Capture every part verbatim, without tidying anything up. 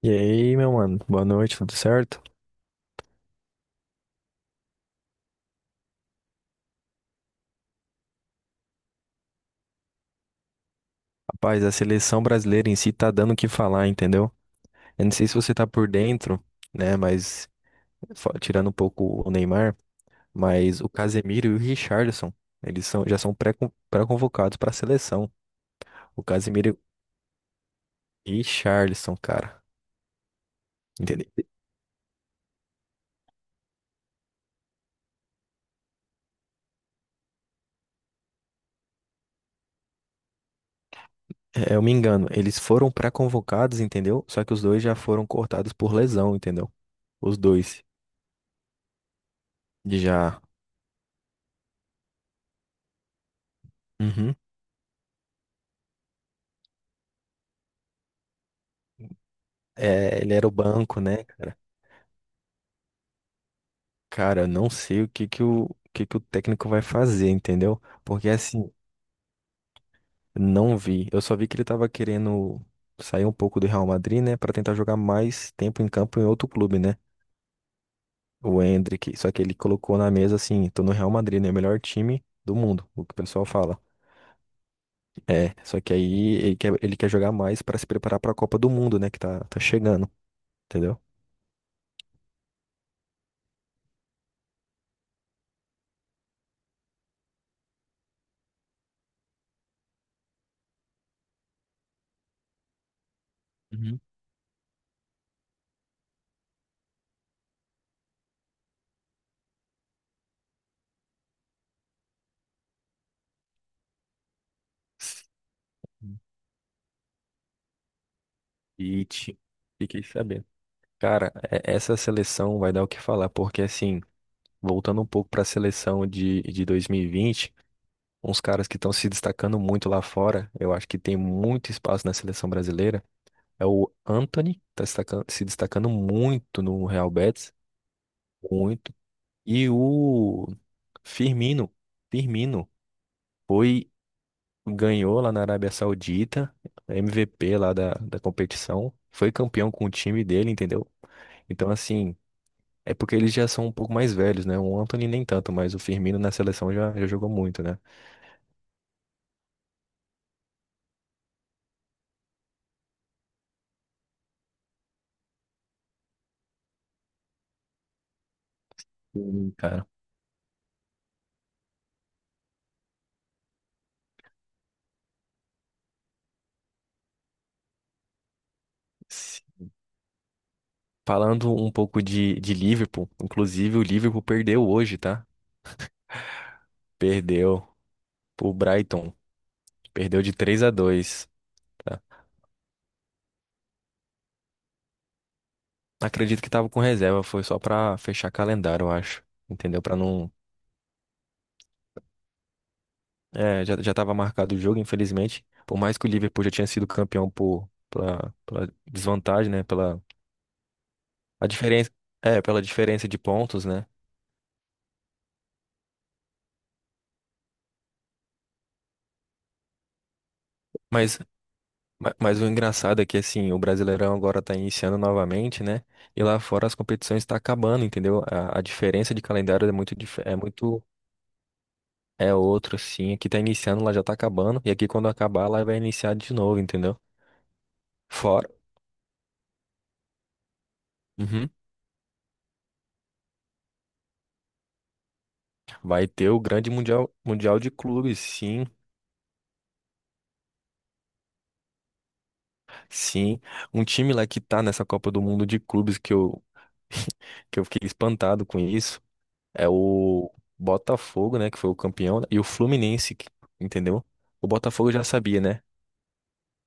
E aí, meu mano, boa noite, tudo certo? Rapaz, a seleção brasileira em si tá dando o que falar, entendeu? Eu não sei se você tá por dentro, né, mas fo- tirando um pouco o Neymar, mas o Casemiro e o Richarlison, eles são, já são pré- pré-convocados pra seleção. O Casemiro e o Richarlison, cara, entendeu? É, eu me engano, eles foram pré-convocados, entendeu? Só que os dois já foram cortados por lesão, entendeu? Os dois já. Uhum. É, ele era o banco, né, cara? Cara, eu não sei o que que o, o que que o técnico vai fazer, entendeu? Porque assim, não vi. Eu só vi que ele tava querendo sair um pouco do Real Madrid, né, pra tentar jogar mais tempo em campo em outro clube, né? O Endrick, só que ele colocou na mesa assim, tô no Real Madrid, né, o melhor time do mundo, o que o pessoal fala. É, só que aí ele quer, ele quer jogar mais pra se preparar pra Copa do Mundo, né, que tá, tá chegando, entendeu? Uhum. E ti- Fiquei sabendo. Cara, é- essa seleção vai dar o que falar, porque assim, voltando um pouco para a seleção de, de dois mil e vinte, uns caras que estão se destacando muito lá fora, eu acho que tem muito espaço na seleção brasileira, é o Antony, tá destacando- se destacando muito no Real Betis, muito, e o Firmino, Firmino foi, ganhou lá na Arábia Saudita, M V P lá da, da competição, foi campeão com o time dele, entendeu? Então, assim, é porque eles já são um pouco mais velhos, né? O Anthony nem tanto, mas o Firmino na seleção já, já jogou muito, né? Sim, cara. Se- Falando um pouco de, de Liverpool, inclusive o Liverpool perdeu hoje, tá? Perdeu pro Brighton. Perdeu de três a dois. Tá? Acredito que tava com reserva, foi só pra fechar calendário, eu acho. Entendeu? Pra não. É, já, já tava marcado o jogo, infelizmente. Por mais que o Liverpool já tinha sido campeão por, pela, pela desvantagem, né? Pela a diferença, é, pela diferença de pontos, né? Mas Ma- mas o engraçado é que, assim, o Brasileirão agora tá iniciando novamente, né? E lá fora as competições estão acabando, entendeu? A, a diferença de calendário é muito, dif- é muito, é outro, assim. Aqui tá iniciando, lá já tá acabando. E aqui quando acabar, lá vai iniciar de novo, entendeu? Fora. Uhum. Vai ter o grande mundial, mundial de clubes, sim, sim. Um time lá que tá nessa Copa do Mundo de clubes que eu, que eu fiquei espantado com isso é o Botafogo, né, que foi o campeão, e o Fluminense, que- entendeu? O Botafogo já sabia, né?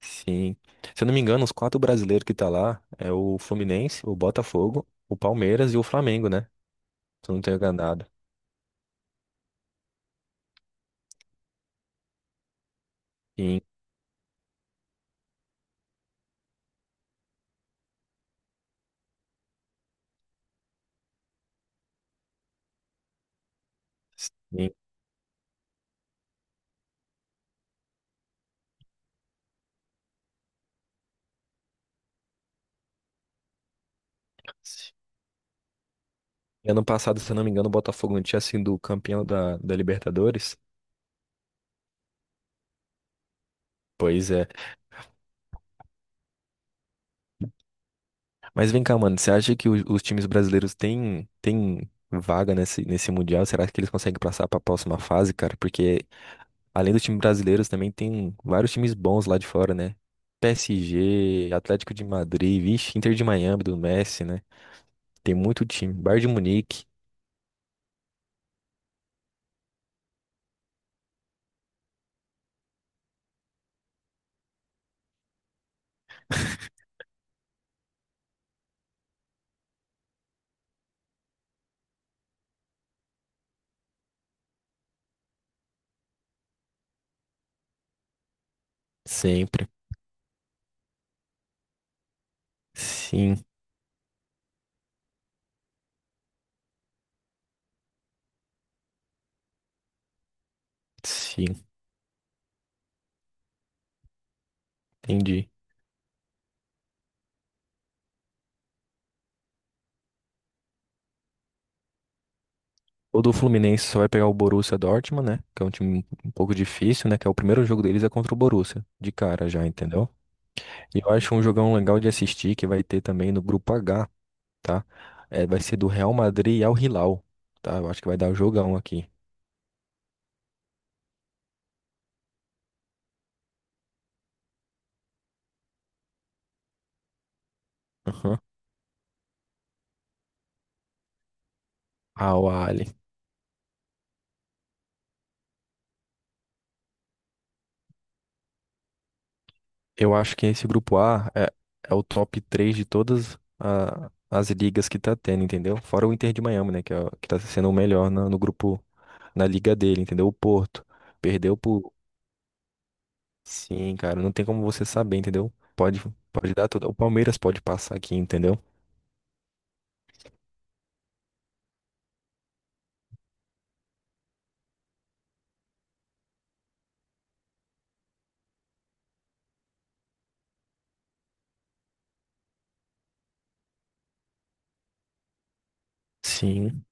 Sim. Se eu não me engano, os quatro brasileiros que tá lá é o Fluminense, o Botafogo, o Palmeiras e o Flamengo, né? Se eu não tenho enganado. Sim, sim. E ano passado, se eu não me engano, o Botafogo não tinha sido campeão da, da Libertadores. Pois é. Mas vem cá, mano, você acha que o- os times brasileiros têm, têm vaga nesse, nesse Mundial? Será que eles conseguem passar pra próxima fase, cara? Porque além do time brasileiro, também tem vários times bons lá de fora, né? P S G, Atlético de Madrid, vixe, Inter de Miami do Messi, né? Tem muito time. Bayern de Munique, sempre. Sim, sim, entendi. O do Fluminense só vai pegar o Borussia Dortmund, né? Que é um time um pouco difícil, né? Que é o primeiro jogo deles é contra o Borussia, de cara já, entendeu? E eu acho um jogão legal de assistir que vai ter também no grupo H, tá? É, vai ser do Real Madrid e Al Hilal, tá? Eu acho que vai dar o jogão aqui. Aham. Al Ahly. Eu acho que esse grupo A é, é o top três de todas a- as ligas que tá tendo, entendeu? Fora o Inter de Miami, né? Que, é, o- que tá sendo o melhor na- no grupo, na liga dele, entendeu? O Porto perdeu por. Sim, cara, não tem como você saber, entendeu? Pode, pode dar tudo. O Palmeiras pode passar aqui, entendeu? Sim.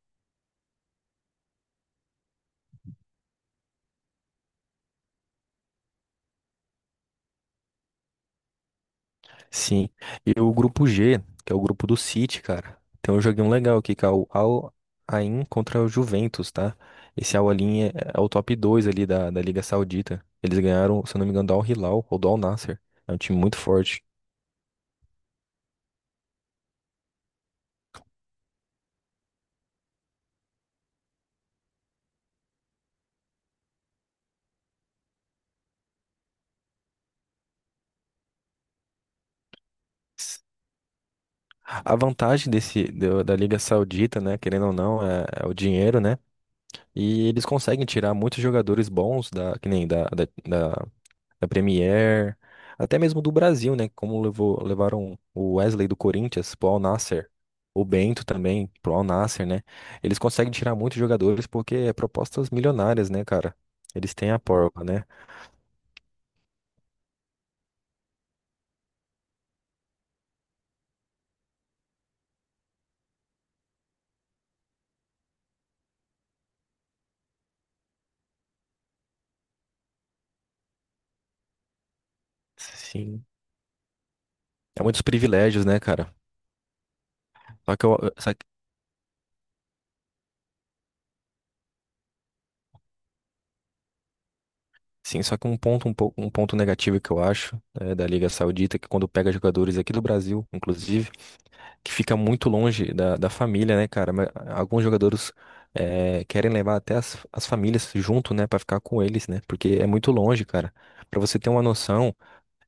Sim. E o grupo G, que é o grupo do City, cara. Tem um joguinho legal aqui, que é o Al Ain contra o Juventus, tá? Esse Al Ain é, é o top dois ali da, da Liga Saudita. Eles ganharam, se eu não me engano, do Al Hilal ou do Al Nassr. É um time muito forte. A vantagem desse do- da Liga Saudita, né, querendo ou não, é, é o dinheiro, né? E eles conseguem tirar muitos jogadores bons da, que nem da, da, da Premier, até mesmo do Brasil, né? Como levou, levaram o Wesley do Corinthians pro Al Nassr, o Bento também pro Al Nassr, né? Eles conseguem tirar muitos jogadores porque é propostas milionárias, né, cara? Eles têm a porra, né? Sim. É muitos privilégios, né, cara? Só que eu, Sim, só que um ponto, um pouco, um ponto negativo que eu acho, né, da Liga Saudita, é que quando pega jogadores aqui do Brasil, inclusive, que fica muito longe da, da família, né, cara? Mas alguns jogadores eh, querem levar até as, as famílias junto, né, pra ficar com eles, né? Porque é muito longe, cara. Pra você ter uma noção,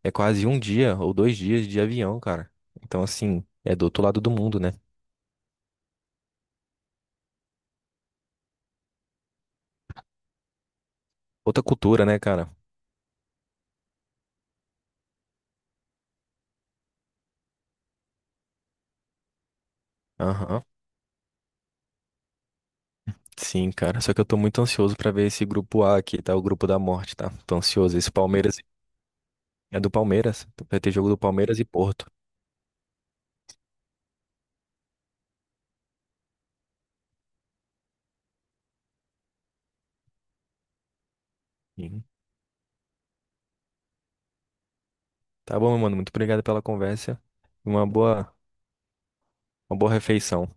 é quase um dia ou dois dias de avião, cara. Então, assim, é do outro lado do mundo, né? Outra cultura, né, cara? Aham. Sim, cara. Só que eu tô muito ansioso pra ver esse grupo A aqui, tá? O grupo da morte, tá? Tô ansioso. Esse Palmeiras é do Palmeiras. Vai ter jogo do Palmeiras e Porto. Uhum. Tá bom, meu mano. Muito obrigado pela conversa. Uma boa, uma boa refeição.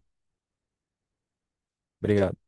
Obrigado.